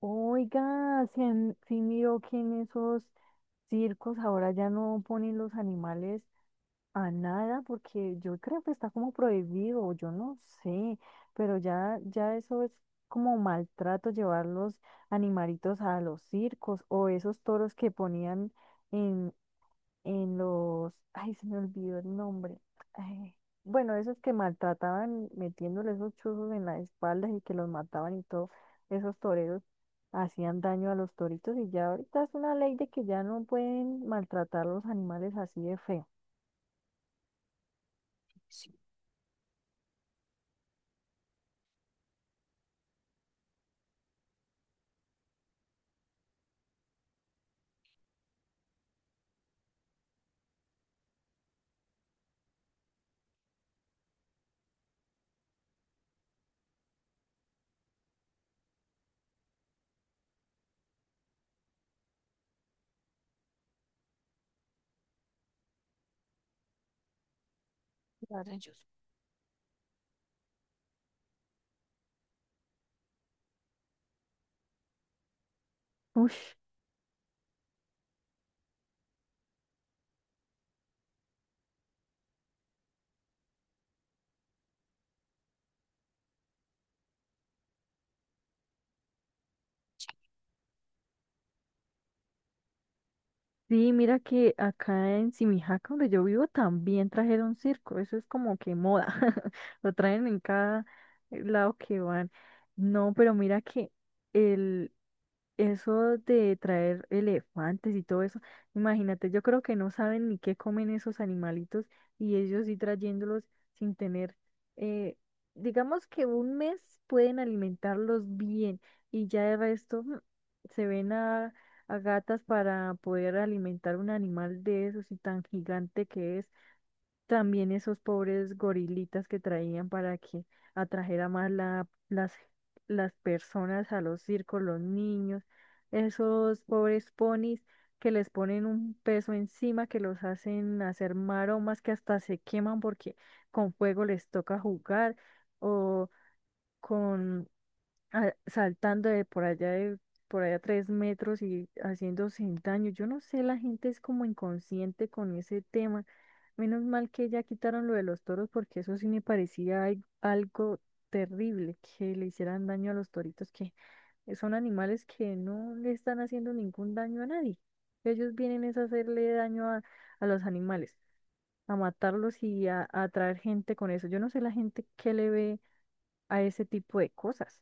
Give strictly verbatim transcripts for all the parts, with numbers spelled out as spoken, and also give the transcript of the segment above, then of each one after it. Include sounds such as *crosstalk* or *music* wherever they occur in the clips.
Oiga, si, en- si miró que en esos circos ahora ya no ponen los animales a nada, porque yo creo que está como prohibido, yo no sé, pero ya, ya eso es como maltrato llevar los animalitos a los circos o esos toros que ponían en los, ay, se me olvidó el nombre. Ay, bueno, esos que maltrataban metiéndole esos chuzos en las espaldas y que los mataban y todo, esos toreros hacían daño a los toritos y ya ahorita es una ley de que ya no pueden maltratar los animales así de feo. Sí, rayos. Ush, sí, mira que acá en Simijaca, donde yo vivo, también trajeron circo. Eso es como que moda. *laughs* Lo traen en cada lado que van. No, pero mira que eso de traer elefantes y todo eso, imagínate, yo creo que no saben ni qué comen esos animalitos y ellos sí trayéndolos sin tener, eh, digamos que un mes pueden alimentarlos bien y ya de resto mm, se ven a, a gatas para poder alimentar un animal de esos y tan gigante que es. También esos pobres gorilitas que traían para que atrajera más la, las, las personas a los circos, los niños, esos pobres ponis que les ponen un peso encima, que los hacen hacer maromas, que hasta se queman porque con fuego les toca jugar, o con a- saltando de por allá de por allá tres metros y haciéndose daño. Yo no sé, la gente es como inconsciente con ese tema. Menos mal que ya quitaron lo de los toros porque eso sí me parecía al- algo terrible que le hicieran daño a los toritos, que son animales que no le están haciendo ningún daño a nadie. Ellos vienen es a hacerle daño a, a los animales, a matarlos y a, a atraer gente con eso. Yo no sé la gente que le ve a ese tipo de cosas.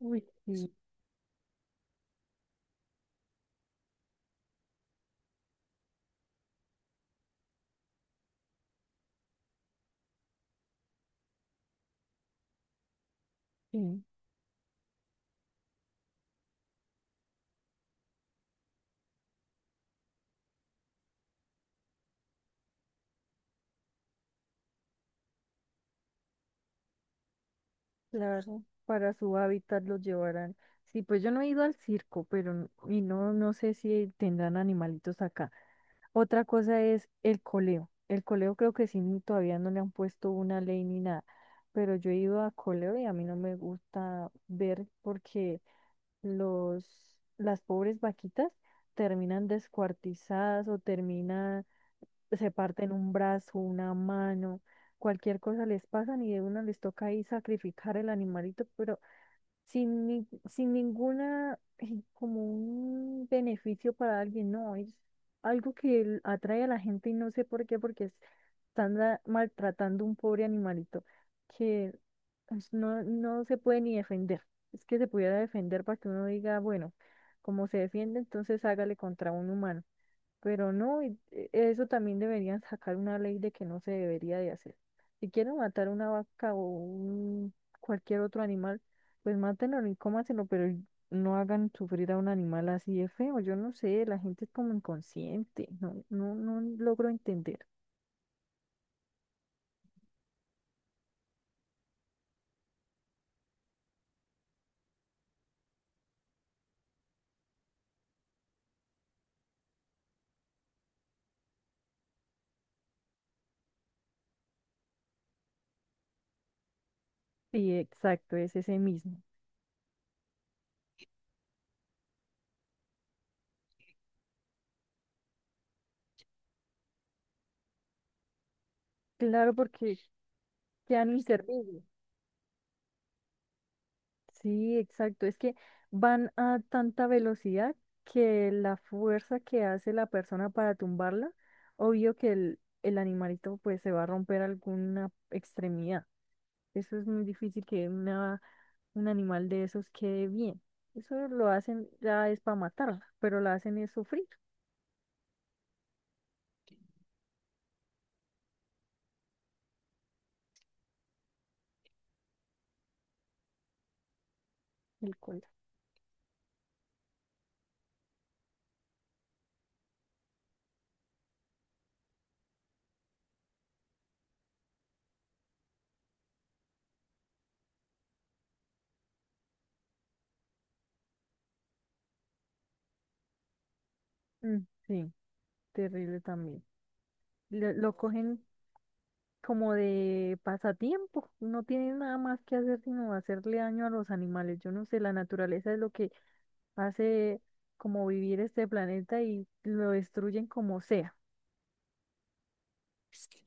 Uy, sí. Claro, para su hábitat los llevarán. Sí, pues yo no he ido al circo, pero n- y no, no sé si tendrán animalitos acá. Otra cosa es el coleo. El coleo creo que sí, ni- todavía no le han puesto una ley ni nada, pero yo he ido a coleo y a mí no me gusta ver porque los, las pobres vaquitas terminan descuartizadas o terminan se parten un brazo, una mano, cualquier cosa les pasan y de una les toca ahí sacrificar el animalito, pero sin, ni- sin ninguna, eh, como un beneficio para alguien, no, es algo que l- atrae a la gente y no sé por qué, porque es- están da- maltratando un pobre animalito que pues, no, no se puede ni defender. Es que se pudiera defender para que uno diga, bueno, como se defiende, entonces hágale contra un humano, pero no, y- e- eso también deberían sacar una ley de que no se debería de hacer. Si quieren matar una vaca o un- cualquier otro animal, pues mátenlo y cómaselo, pero no hagan sufrir a un animal así de feo. Yo no sé, la gente es como inconsciente, no, no, no logro entender. Sí, exacto, es ese mismo. Claro, porque quedan inservibles. Sí, exacto. Es que van a tanta velocidad que la fuerza que hace la persona para tumbarla, obvio que el, el animalito pues se va a romper alguna extremidad. Eso es muy difícil que una, un animal de esos quede bien. Eso lo hacen ya es para matarla, pero la hacen es sufrir el cuello. Mm, sí, terrible también. Lo, lo cogen como de pasatiempo. No tiene nada más que hacer sino hacerle daño a los animales. Yo no sé, la naturaleza es lo que hace como vivir este planeta y lo destruyen como sea. Sí.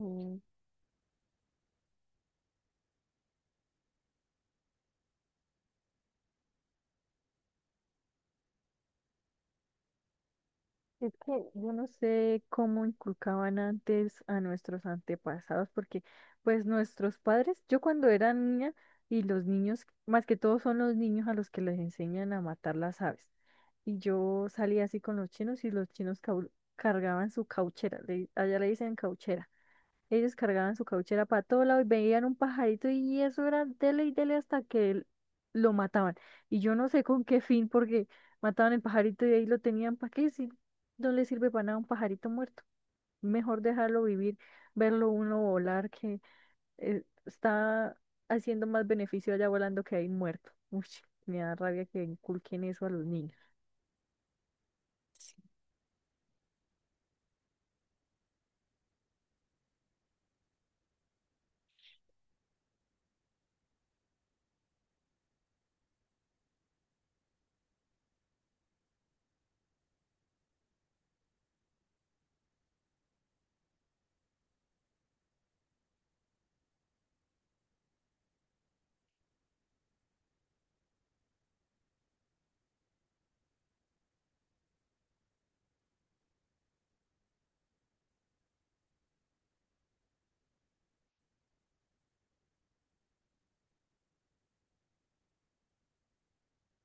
Mm, es que yo no sé cómo inculcaban antes a nuestros antepasados, porque pues nuestros padres, yo cuando era niña y los niños, más que todo son los niños a los que les enseñan a matar las aves. Y yo salía así con los chinos y los chinos cau- cargaban su cauchera, le- allá le dicen cauchera. Ellos cargaban su cauchera para todo lado y veían un pajarito y eso era dele y dele hasta que l- lo mataban. Y yo no sé con qué fin, porque mataban el pajarito y ahí lo tenían para qué si no le sirve para nada un pajarito muerto. Mejor dejarlo vivir, verlo uno volar, que eh, está haciendo más beneficio allá volando que ahí muerto. Uy, me da rabia que inculquen eso a los niños.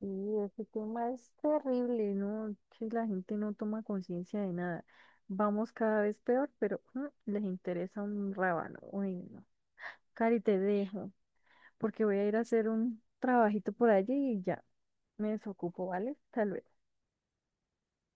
Sí, ese tema es terrible, ¿no? Sí, la gente no toma conciencia de nada. Vamos cada vez peor, pero mm, les interesa un rábano. Uy, no. Cari, te dejo, porque voy a ir a hacer un trabajito por allí y ya me desocupo, ¿vale? Tal vez.